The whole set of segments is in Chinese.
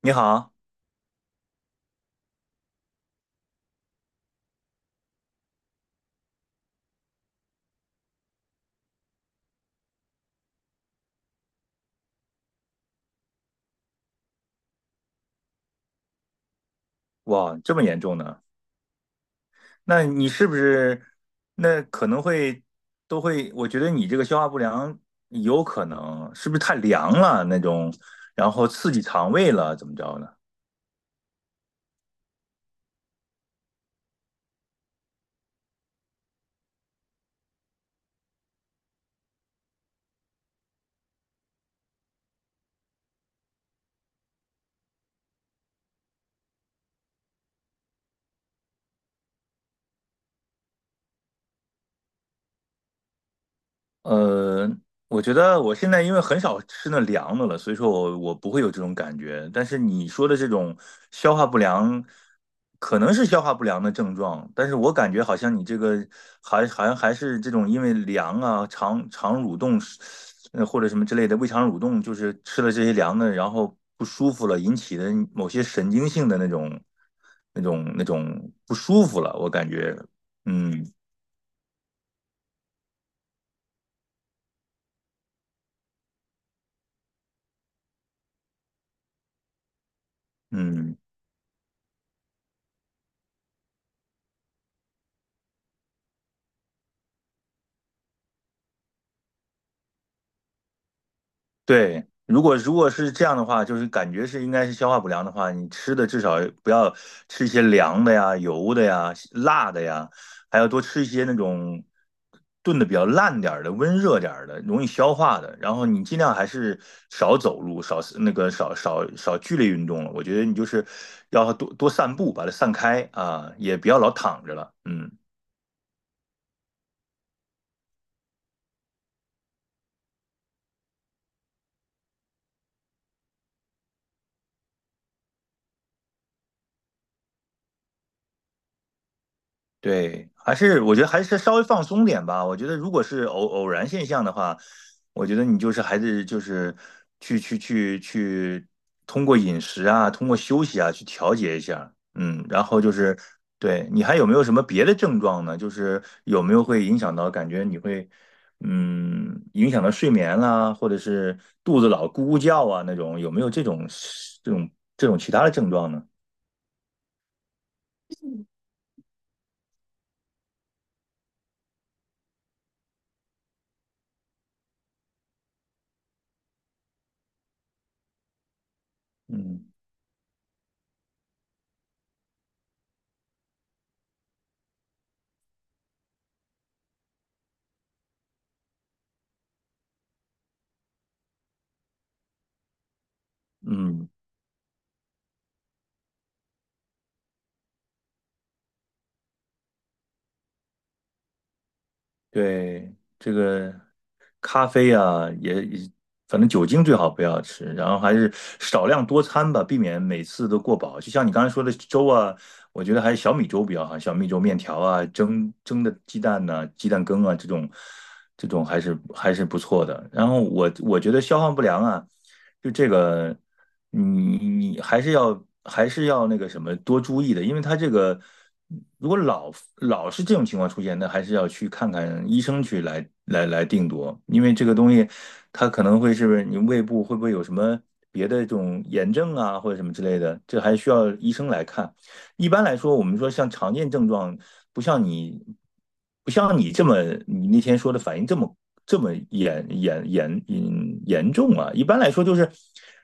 你好。哇，这么严重呢？那你是不是，那可能会，都会？我觉得你这个消化不良有可能是不是太凉了那种，然后刺激肠胃了，怎么着呢？呃，我觉得我现在因为很少吃那凉的了，所以说我不会有这种感觉。但是你说的这种消化不良，可能是消化不良的症状，但是我感觉好像你这个还好像还是这种因为凉啊、肠蠕动是或者什么之类的胃肠蠕动，就是吃了这些凉的，然后不舒服了引起的某些神经性的那种、那种、那种不舒服了，我感觉。嗯嗯。对，如果是这样的话，就是感觉是应该是消化不良的话，你吃的至少不要吃一些凉的呀、油的呀、辣的呀，还要多吃一些那种炖的比较烂点儿的、温热点儿的、容易消化的。然后你尽量还是少走路、少那个少剧烈运动了。我觉得你就是要多多散步，把它散开啊，也不要老躺着了。嗯。对，还是我觉得还是稍微放松点吧。我觉得如果是偶然现象的话，我觉得你就是还是就是去通过饮食啊，通过休息啊去调节一下。嗯，然后就是，对你还有没有什么别的症状呢？就是有没有会影响到感觉你会，影响到睡眠啦，或者是肚子老咕咕叫啊那种，有没有这种，这种，这种其他的症状呢？嗯嗯。对，这个咖啡啊，也也反正酒精最好不要吃，然后还是少量多餐吧，避免每次都过饱。就像你刚才说的粥啊，我觉得还是小米粥比较好，小米粥、面条啊、蒸的鸡蛋呐、鸡蛋羹啊这种，这种还是还是不错的。然后我觉得消化不良啊，就这个。你你还是要还是要那个什么多注意的，因为他这个如果老是这种情况出现，那还是要去看看医生去来定夺，因为这个东西它可能会，是不是你胃部会不会有什么别的这种炎症啊或者什么之类的，这还需要医生来看。一般来说，我们说像常见症状，不像你，不像你这么，你那天说的反应这么这么严重啊！一般来说就是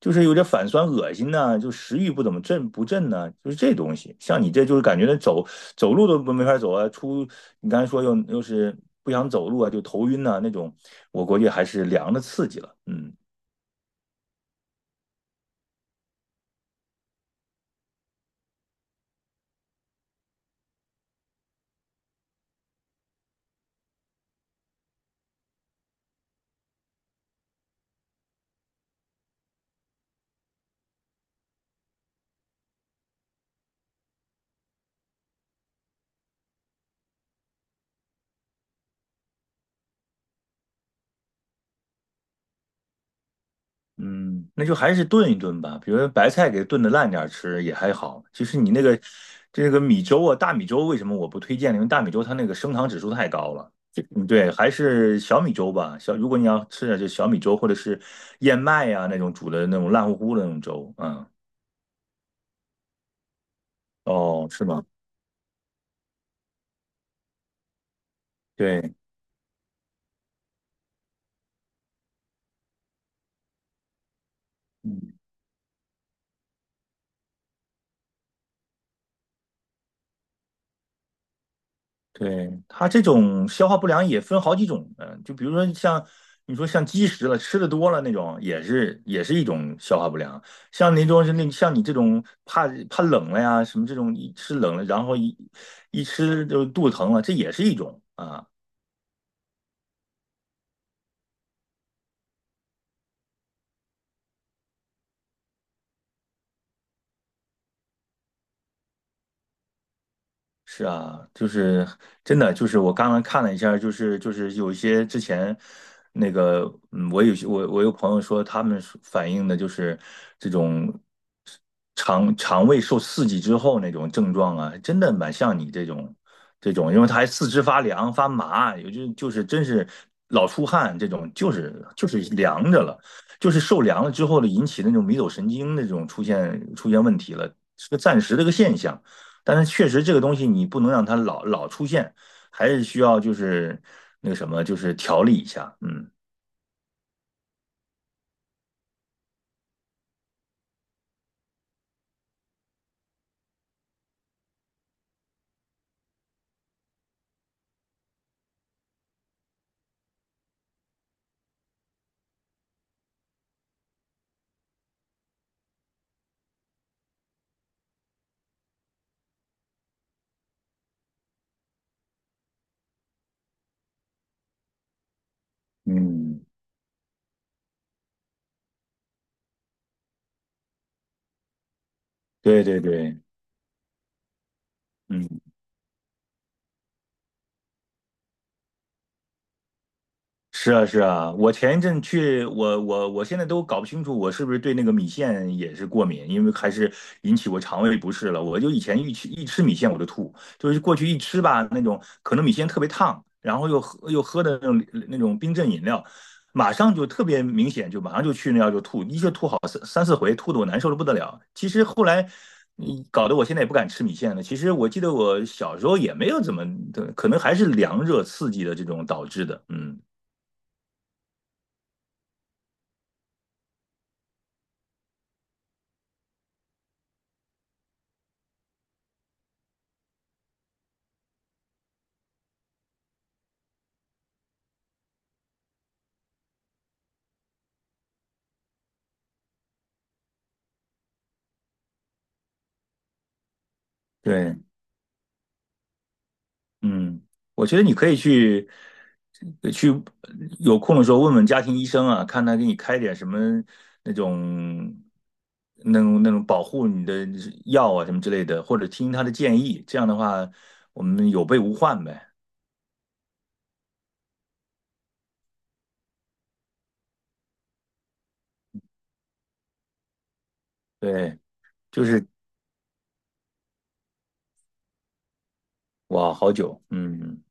就是有点反酸、恶心呐、啊就食欲不怎么振不振呐，啊就是这东西。像你这就是感觉那走，走路都没法走啊，出，你刚才说又是不想走路啊，就头晕呐、那种，我估计还是凉的刺激了。嗯。嗯，那就还是炖一炖吧，比如说白菜给炖的烂点儿吃也还好。其实你那个，这个米粥啊，大米粥为什么我不推荐呢？因为大米粥它那个升糖指数太高了。这嗯，对，还是小米粥吧。小，如果你要吃点就小米粥或者是燕麦呀、那种煮的那种烂乎乎的那种粥。嗯。哦，是吗？对。嗯。对，它这种消化不良也分好几种，嗯，就比如说像你说像积食了，吃的多了那种，也是也是一种消化不良。像那种是那像你这种怕冷了呀，什么这种一吃冷了，然后一吃就肚子疼了，这也是一种啊。是啊，就是真的，就是我刚刚看了一下儿就是就是有一些之前那个，我有些我，我有朋友说，他们说反映的就是这种肠胃受刺激之后那种症状啊，真的蛮像你这种，这种，因为他还四肢发凉发麻，有就就是真是老出汗这种，就是就是凉着了，就是受凉了之后的引起的那种迷走神经那种出现问题了，是个暂时的一个现象。但是确实这个东西你不能让它老出现，还是需要就是那个什么，就是调理一下。嗯。嗯，对对对。嗯，是啊，是啊，我前一阵去，我现在都搞不清楚，我是不是对那个米线也是过敏，因为还是引起我肠胃不适了。我就以前一吃米线我就吐，就是过去一吃吧，那种可能米线特别烫，然后又喝的那种，那种冰镇饮料，马上就特别明显，就马上就去那样就吐，一下吐好三四回，吐的我难受的不得了。其实后来。嗯，搞得我现在也不敢吃米线了。其实我记得我小时候也没有怎么，可能还是凉热刺激的这种导致的。嗯。对。嗯，我觉得你可以去，去，有空的时候问问家庭医生啊，看他给你开点什么那种，那种保护你的药啊什么之类的，或者听他的建议。这样的话，我们有备无患呗。对，就是，哇，好久。嗯。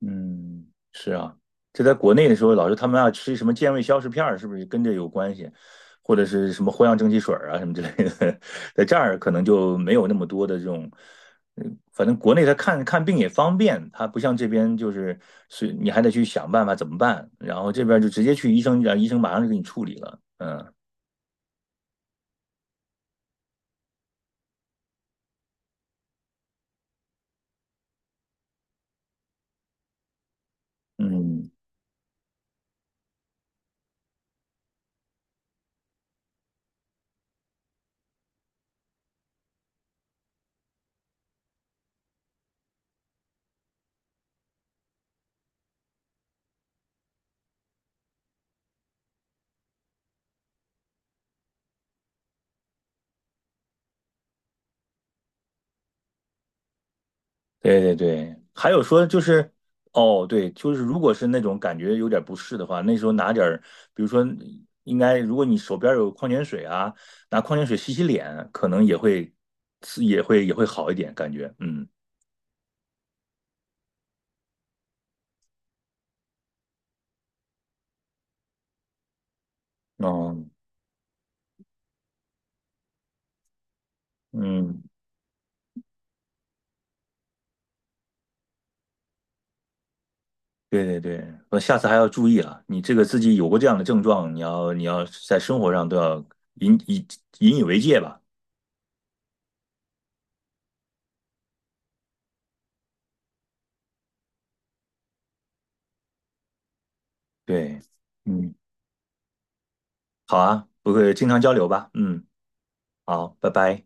嗯，是啊，这在国内的时候，老是他们要吃什么健胃消食片儿，是不是跟这有关系？或者是什么藿香正气水儿啊，什么之类的，在这儿可能就没有那么多的这种。嗯，反正国内他看看病也方便，他不像这边就是，是你还得去想办法怎么办，然后这边就直接去医生，让医生马上就给你处理了。嗯。嗯。对对对，还有说就是，哦，对，就是如果是那种感觉有点不适的话，那时候拿点儿，比如说应该，如果你手边有矿泉水啊，拿矿泉水洗洗脸，可能也会，是，也会，也会好一点感觉。嗯。哦。嗯，对对对，我下次还要注意了，你这个自己有过这样的症状，你要在生活上都要引以引以为戒吧。对。嗯，好啊，不会经常交流吧。嗯。好，拜拜。